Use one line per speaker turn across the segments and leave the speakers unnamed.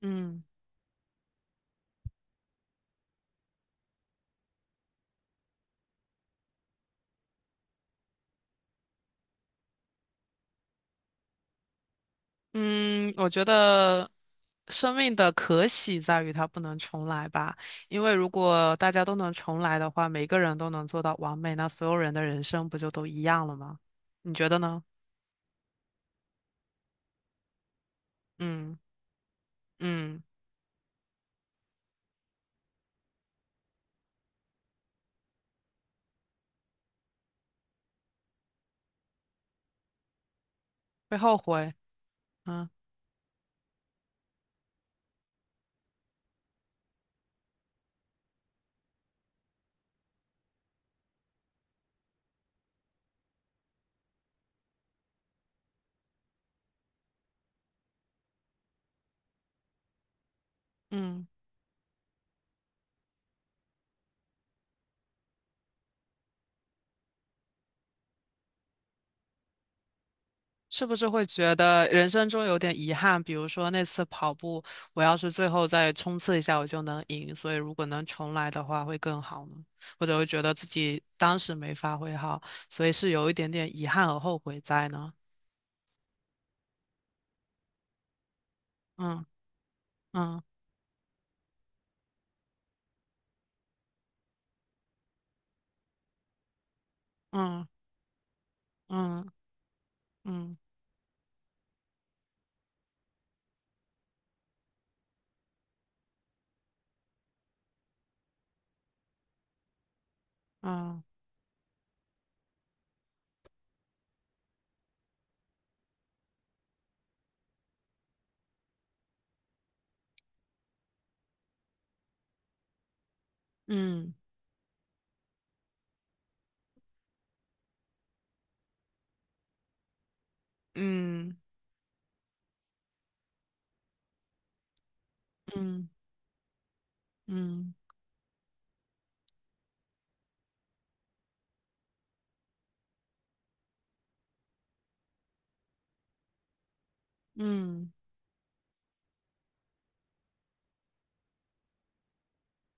嗯嗯，我觉得生命的可喜在于它不能重来吧，因为如果大家都能重来的话，每个人都能做到完美，那所有人的人生不就都一样了吗？你觉得呢？嗯嗯，会后悔，嗯嗯。是不是会觉得人生中有点遗憾？比如说那次跑步，我要是最后再冲刺一下，我就能赢。所以如果能重来的话，会更好呢？或者会觉得自己当时没发挥好，所以是有一点点遗憾和后悔在呢？嗯嗯嗯嗯嗯嗯嗯嗯嗯嗯嗯嗯嗯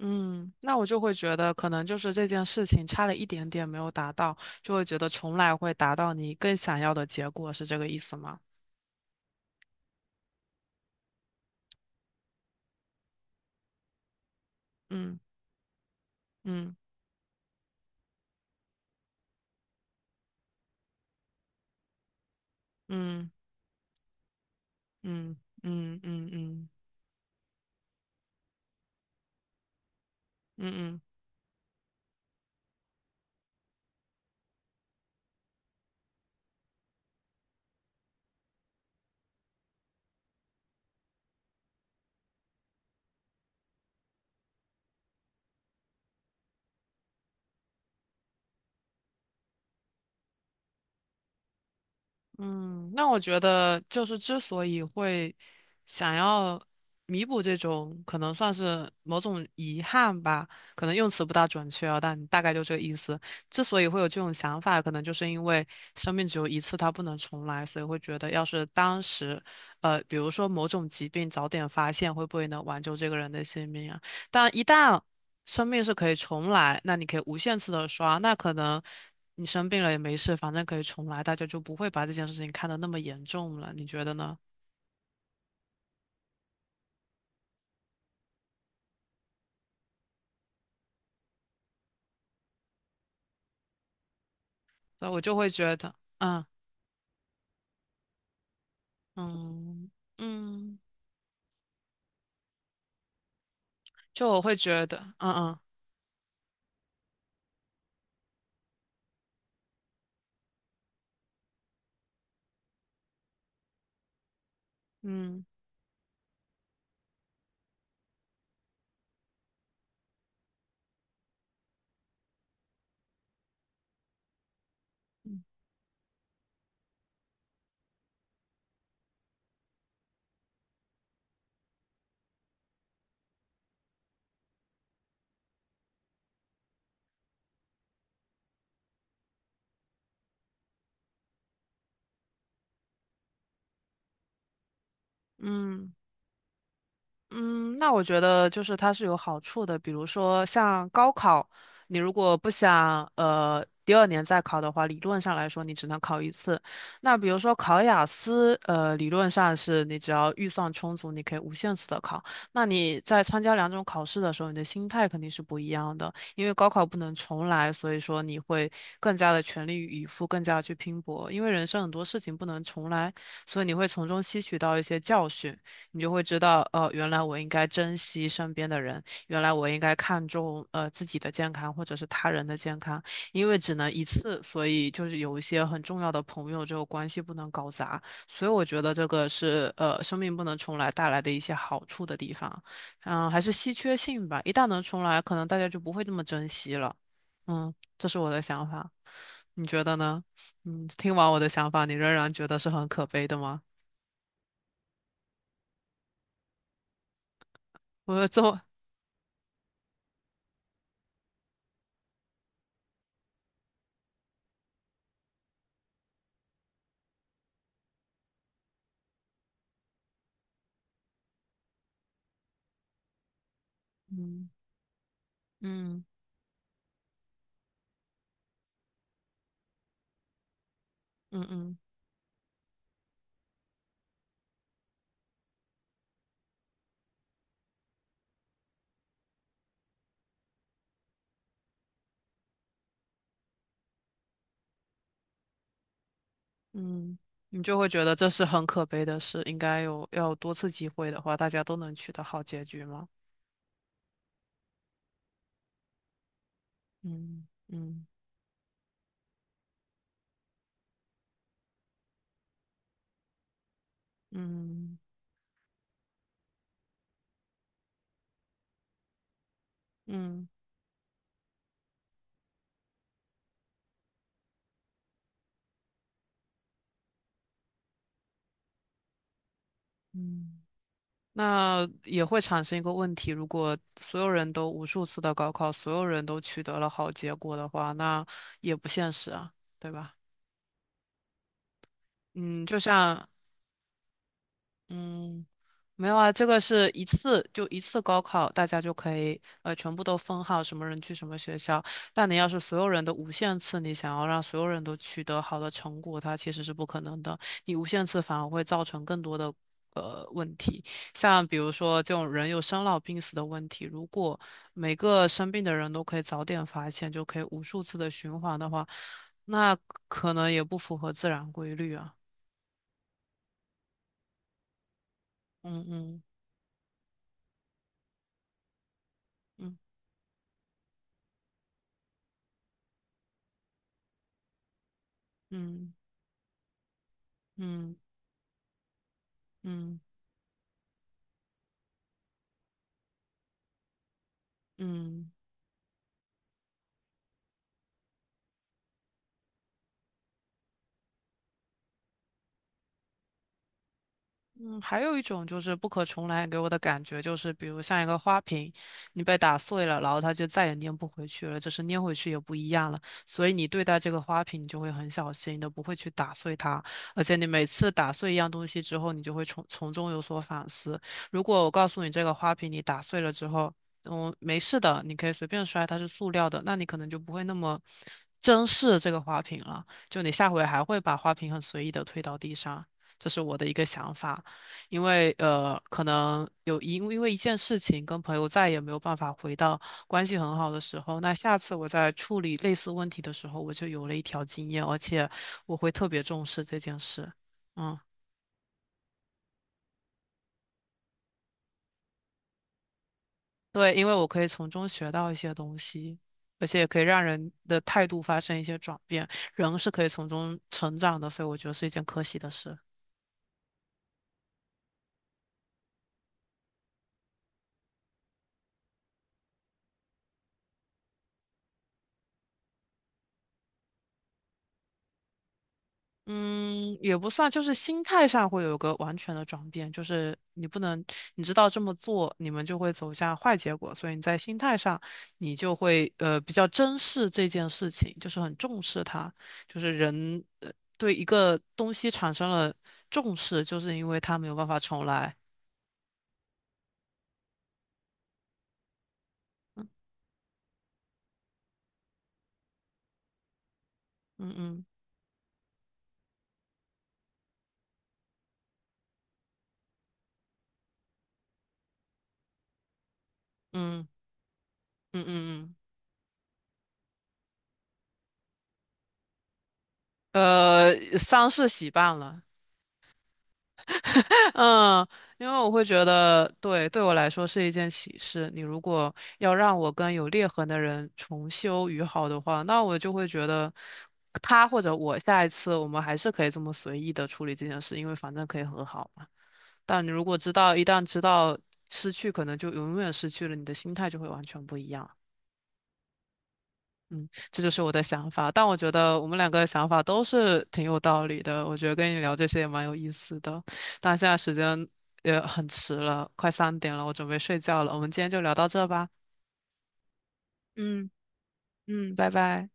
嗯，那我就会觉得，可能就是这件事情差了一点点没有达到，就会觉得重来会达到你更想要的结果，是这个意思吗？嗯嗯嗯嗯嗯嗯嗯嗯嗯嗯。嗯，那我觉得就是之所以会想要弥补这种可能算是某种遗憾吧，可能用词不大准确啊，但大概就这个意思。之所以会有这种想法，可能就是因为生命只有一次，它不能重来，所以会觉得要是当时，比如说某种疾病早点发现，会不会能挽救这个人的性命啊？但一旦生命是可以重来，那你可以无限次的刷，那可能你生病了也没事，反正可以重来，大家就不会把这件事情看得那么严重了，你觉得呢？所以我就会觉得，嗯嗯嗯，就我会觉得，嗯嗯嗯嗯。嗯，那我觉得就是它是有好处的，比如说像高考，你如果不想第二年再考的话，理论上来说你只能考一次。那比如说考雅思，理论上是你只要预算充足，你可以无限次的考。那你在参加两种考试的时候，你的心态肯定是不一样的，因为高考不能重来，所以说你会更加的全力以赴，更加地去拼搏，因为人生很多事情不能重来，所以你会从中吸取到一些教训。你就会知道，原来我应该珍惜身边的人，原来我应该看重自己的健康或者是他人的健康，因为只能一次，所以就是有一些很重要的朋友，这个关系不能搞砸，所以我觉得这个是生命不能重来带来的一些好处的地方，嗯，还是稀缺性吧，一旦能重来，可能大家就不会这么珍惜了，嗯，这是我的想法，你觉得呢？嗯，听完我的想法，你仍然觉得是很可悲的吗？我这么，嗯嗯。嗯嗯嗯，你就会觉得这是很可悲的事，应该有要有多次机会的话，大家都能取得好结局吗？嗯嗯嗯嗯嗯，那也会产生一个问题，如果所有人都无数次的高考，所有人都取得了好结果的话，那也不现实啊，对吧？嗯，就像嗯，没有啊，这个是一次就一次高考，大家就可以全部都分好什么人去什么学校。但你要是所有人都无限次，你想要让所有人都取得好的成果，它其实是不可能的。你无限次反而会造成更多的问题，像比如说这种人有生老病死的问题，如果每个生病的人都可以早点发现，就可以无数次的循环的话，那可能也不符合自然规律啊。嗯嗯嗯嗯嗯。嗯嗯。嗯，还有一种就是不可重来给我的感觉，就是比如像一个花瓶，你被打碎了，然后它就再也粘不回去了，就是粘回去也不一样了。所以你对待这个花瓶，你就会很小心的，你都不会去打碎它。而且你每次打碎一样东西之后，你就会从中有所反思。如果我告诉你这个花瓶你打碎了之后，嗯，没事的，你可以随便摔，它是塑料的，那你可能就不会那么珍视这个花瓶了。就你下回还会把花瓶很随意的推到地上，这是我的一个想法。因为可能因为一件事情跟朋友再也没有办法回到关系很好的时候，那下次我在处理类似问题的时候，我就有了一条经验，而且我会特别重视这件事。嗯，对，因为我可以从中学到一些东西，而且也可以让人的态度发生一些转变，人是可以从中成长的，所以我觉得是一件可喜的事。嗯，也不算，就是心态上会有个完全的转变，就是你不能，你知道这么做，你们就会走向坏结果，所以你在心态上，你就会比较珍视这件事情，就是很重视它，就是人对一个东西产生了重视，就是因为它没有办法重来。嗯嗯嗯嗯嗯嗯嗯，丧事喜办了。嗯，因为我会觉得，对，对我来说是一件喜事。你如果要让我跟有裂痕的人重修于好的话，那我就会觉得他或者我下一次我们还是可以这么随意的处理这件事，因为反正可以和好嘛。但你如果知道，一旦知道失去，可能就永远失去了，你的心态就会完全不一样。嗯，这就是我的想法。但我觉得我们两个的想法都是挺有道理的。我觉得跟你聊这些也蛮有意思的。但现在时间也很迟了，快3点了，我准备睡觉了。我们今天就聊到这吧。嗯嗯，拜拜。